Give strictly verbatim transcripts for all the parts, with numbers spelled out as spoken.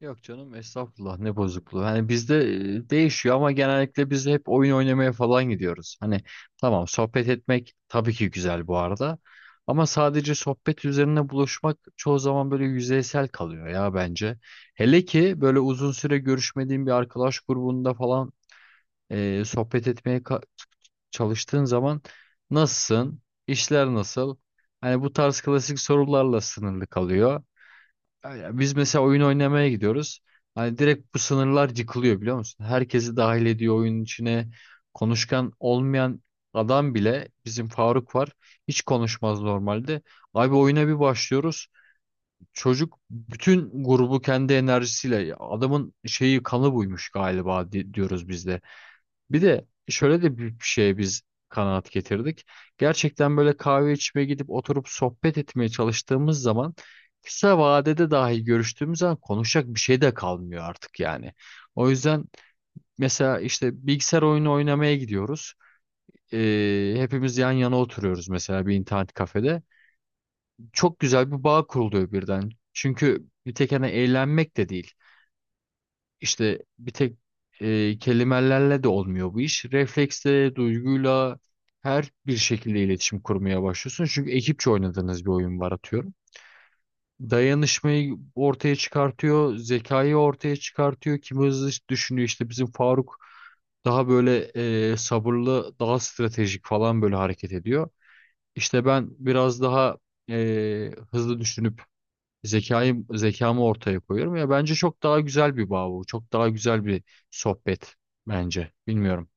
Yok canım estağfurullah ne bozukluğu. Hani bizde e, değişiyor ama genellikle biz hep oyun oynamaya falan gidiyoruz. Hani tamam, sohbet etmek tabii ki güzel bu arada. Ama sadece sohbet üzerine buluşmak çoğu zaman böyle yüzeysel kalıyor ya bence. Hele ki böyle uzun süre görüşmediğin bir arkadaş grubunda falan e, sohbet etmeye ka- çalıştığın zaman nasılsın? İşler nasıl? Hani bu tarz klasik sorularla sınırlı kalıyor. Öyle. Biz mesela oyun oynamaya gidiyoruz. Hani direkt bu sınırlar yıkılıyor biliyor musun? Herkesi dahil ediyor oyunun içine. Konuşkan olmayan adam bile, bizim Faruk var. Hiç konuşmaz normalde. Abi oyuna bir başlıyoruz. Çocuk bütün grubu kendi enerjisiyle, adamın şeyi kanı buymuş galiba di- diyoruz biz de. Bir de şöyle de bir şeye biz kanaat getirdik. Gerçekten böyle kahve içmeye gidip oturup sohbet etmeye çalıştığımız zaman, kısa vadede dahi görüştüğümüz zaman konuşacak bir şey de kalmıyor artık yani. O yüzden mesela işte bilgisayar oyunu oynamaya gidiyoruz. Ee, hepimiz yan yana oturuyoruz mesela, bir internet kafede. Çok güzel bir bağ kuruluyor birden. Çünkü bir tek hani eğlenmek de değil. İşte bir tek e, kelimelerle de olmuyor bu iş. Refleksle, duyguyla her bir şekilde iletişim kurmaya başlıyorsun. Çünkü ekipçe oynadığınız bir oyun var atıyorum. Dayanışmayı ortaya çıkartıyor, zekayı ortaya çıkartıyor. Kim hızlı düşünüyor, işte bizim Faruk daha böyle e, sabırlı, daha stratejik falan böyle hareket ediyor. İşte ben biraz daha e, hızlı düşünüp Zekayı, zekamı ortaya koyuyorum. Ya bence çok daha güzel bir bağ bu. Çok daha güzel bir sohbet bence. Bilmiyorum.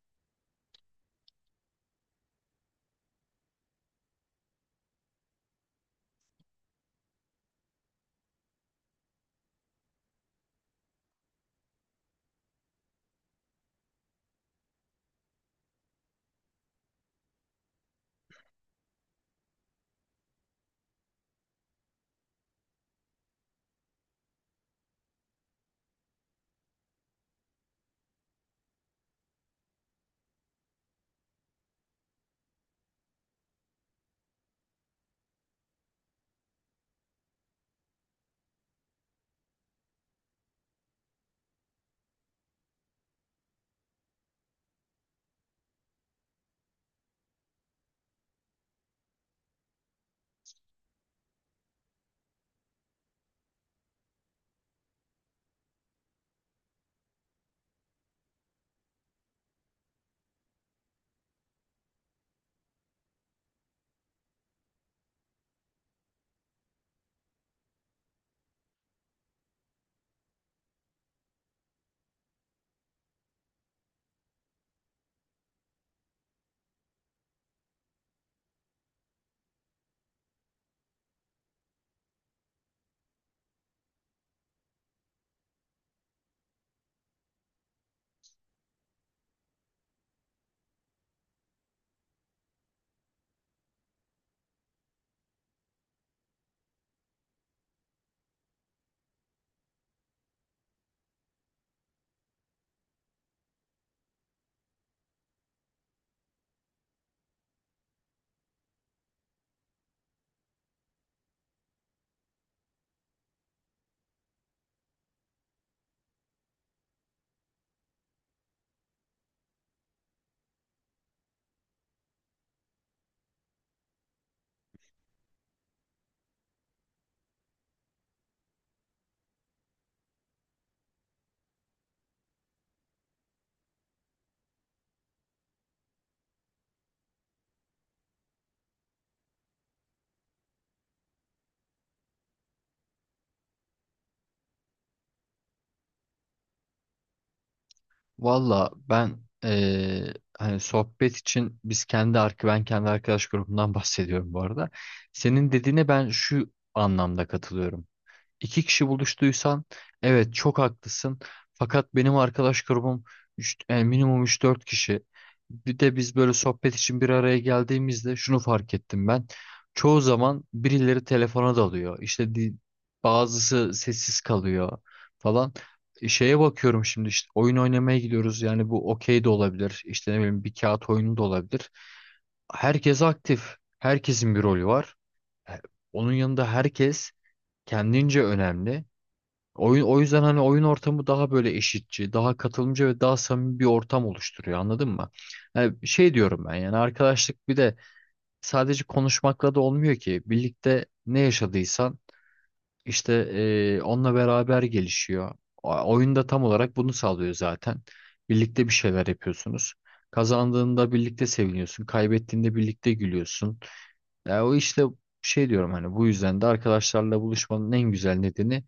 Valla ben eee, hani sohbet için biz kendi ark ben kendi arkadaş grubundan bahsediyorum bu arada. Senin dediğine ben şu anlamda katılıyorum. İki kişi buluştuysan evet, çok haklısın. Fakat benim arkadaş grubum üç, yani minimum üç dört kişi. Bir de biz böyle sohbet için bir araya geldiğimizde şunu fark ettim ben. Çoğu zaman birileri telefona dalıyor. İşte di- bazısı sessiz kalıyor falan. E, Şeye bakıyorum şimdi, işte oyun oynamaya gidiyoruz. Yani bu okey de olabilir. İşte ne bileyim, bir kağıt oyunu da olabilir. Herkes aktif. Herkesin bir rolü var. E, Onun yanında herkes kendince önemli. Oyun, o yüzden hani oyun ortamı daha böyle eşitçi, daha katılımcı ve daha samimi bir ortam oluşturuyor, anladın mı? Yani şey diyorum ben, yani arkadaşlık bir de sadece konuşmakla da olmuyor ki. Birlikte ne yaşadıysan işte eee, onunla beraber gelişiyor. O- Oyun da tam olarak bunu sağlıyor zaten. Birlikte bir şeyler yapıyorsunuz. Kazandığında birlikte seviniyorsun, kaybettiğinde birlikte gülüyorsun. Ya o işte şey diyorum, hani bu yüzden de arkadaşlarla buluşmanın en güzel nedeni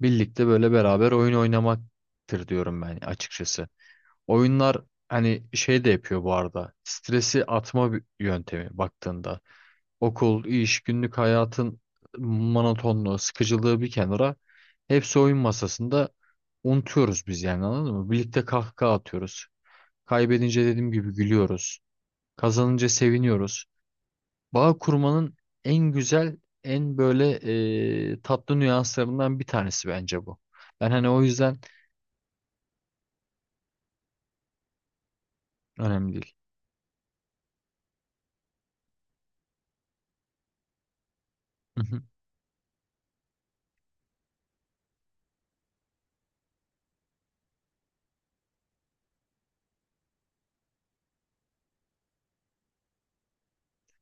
birlikte böyle beraber oyun oynamaktır diyorum ben açıkçası. Oyunlar hani şey de yapıyor bu arada. Stresi atma bir yöntemi baktığında. Okul, iş, günlük hayatın monotonluğu, sıkıcılığı bir kenara, hepsi oyun masasında unutuyoruz biz yani, anladın mı? Birlikte kahkaha atıyoruz. Kaybedince dediğim gibi gülüyoruz. Kazanınca seviniyoruz. Bağ kurmanın en güzel, en böyle e, tatlı nüanslarından bir tanesi bence bu. Ben hani o yüzden önemli değil. Hı hı.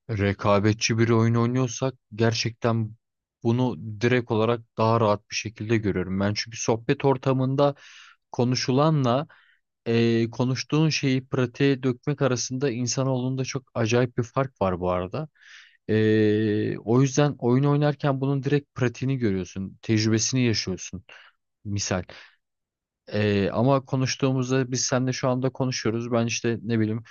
Rekabetçi bir oyun oynuyorsak gerçekten bunu direkt olarak daha rahat bir şekilde görüyorum. Ben çünkü sohbet ortamında konuşulanla e, konuştuğun şeyi pratiğe dökmek arasında insanoğlunda çok acayip bir fark var bu arada. E, o yüzden oyun oynarken bunun direkt pratiğini görüyorsun, tecrübesini yaşıyorsun. Misal. Ee, ama konuştuğumuzda, biz seninle şu anda konuşuyoruz. Ben işte ne bileyim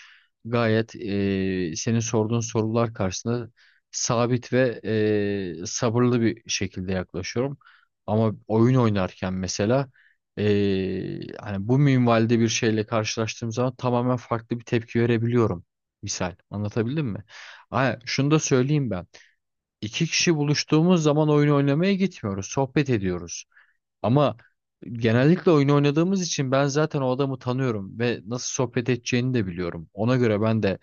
gayet ee, senin sorduğun sorular karşısında sabit ve ee, sabırlı bir şekilde yaklaşıyorum. Ama oyun oynarken mesela ee, hani bu minvalde bir şeyle karşılaştığım zaman tamamen farklı bir tepki verebiliyorum. Misal. Anlatabildim mi? Ha, şunu da söyleyeyim ben. İki kişi buluştuğumuz zaman oyun oynamaya gitmiyoruz. Sohbet ediyoruz. Ama genellikle oyun oynadığımız için ben zaten o adamı tanıyorum ve nasıl sohbet edeceğini de biliyorum. Ona göre ben de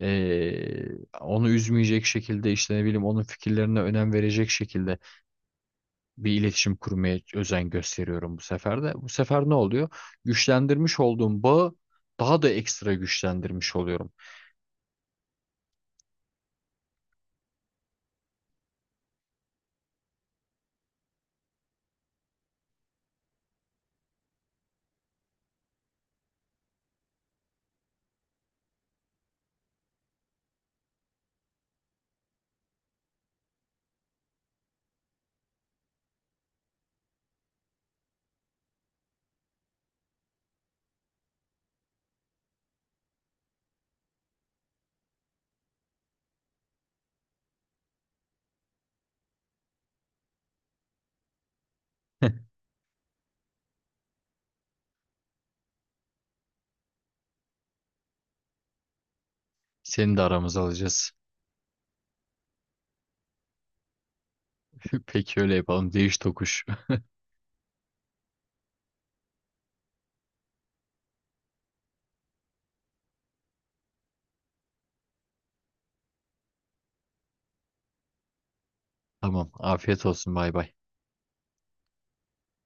eee, onu üzmeyecek şekilde, işte ne bileyim onun fikirlerine önem verecek şekilde bir iletişim kurmaya özen gösteriyorum bu sefer de. Bu sefer ne oluyor? Güçlendirmiş olduğum bağı daha da ekstra güçlendirmiş oluyorum. Seni de aramıza alacağız. Peki, öyle yapalım. Değiş tokuş. Tamam. Afiyet olsun. Bay bay.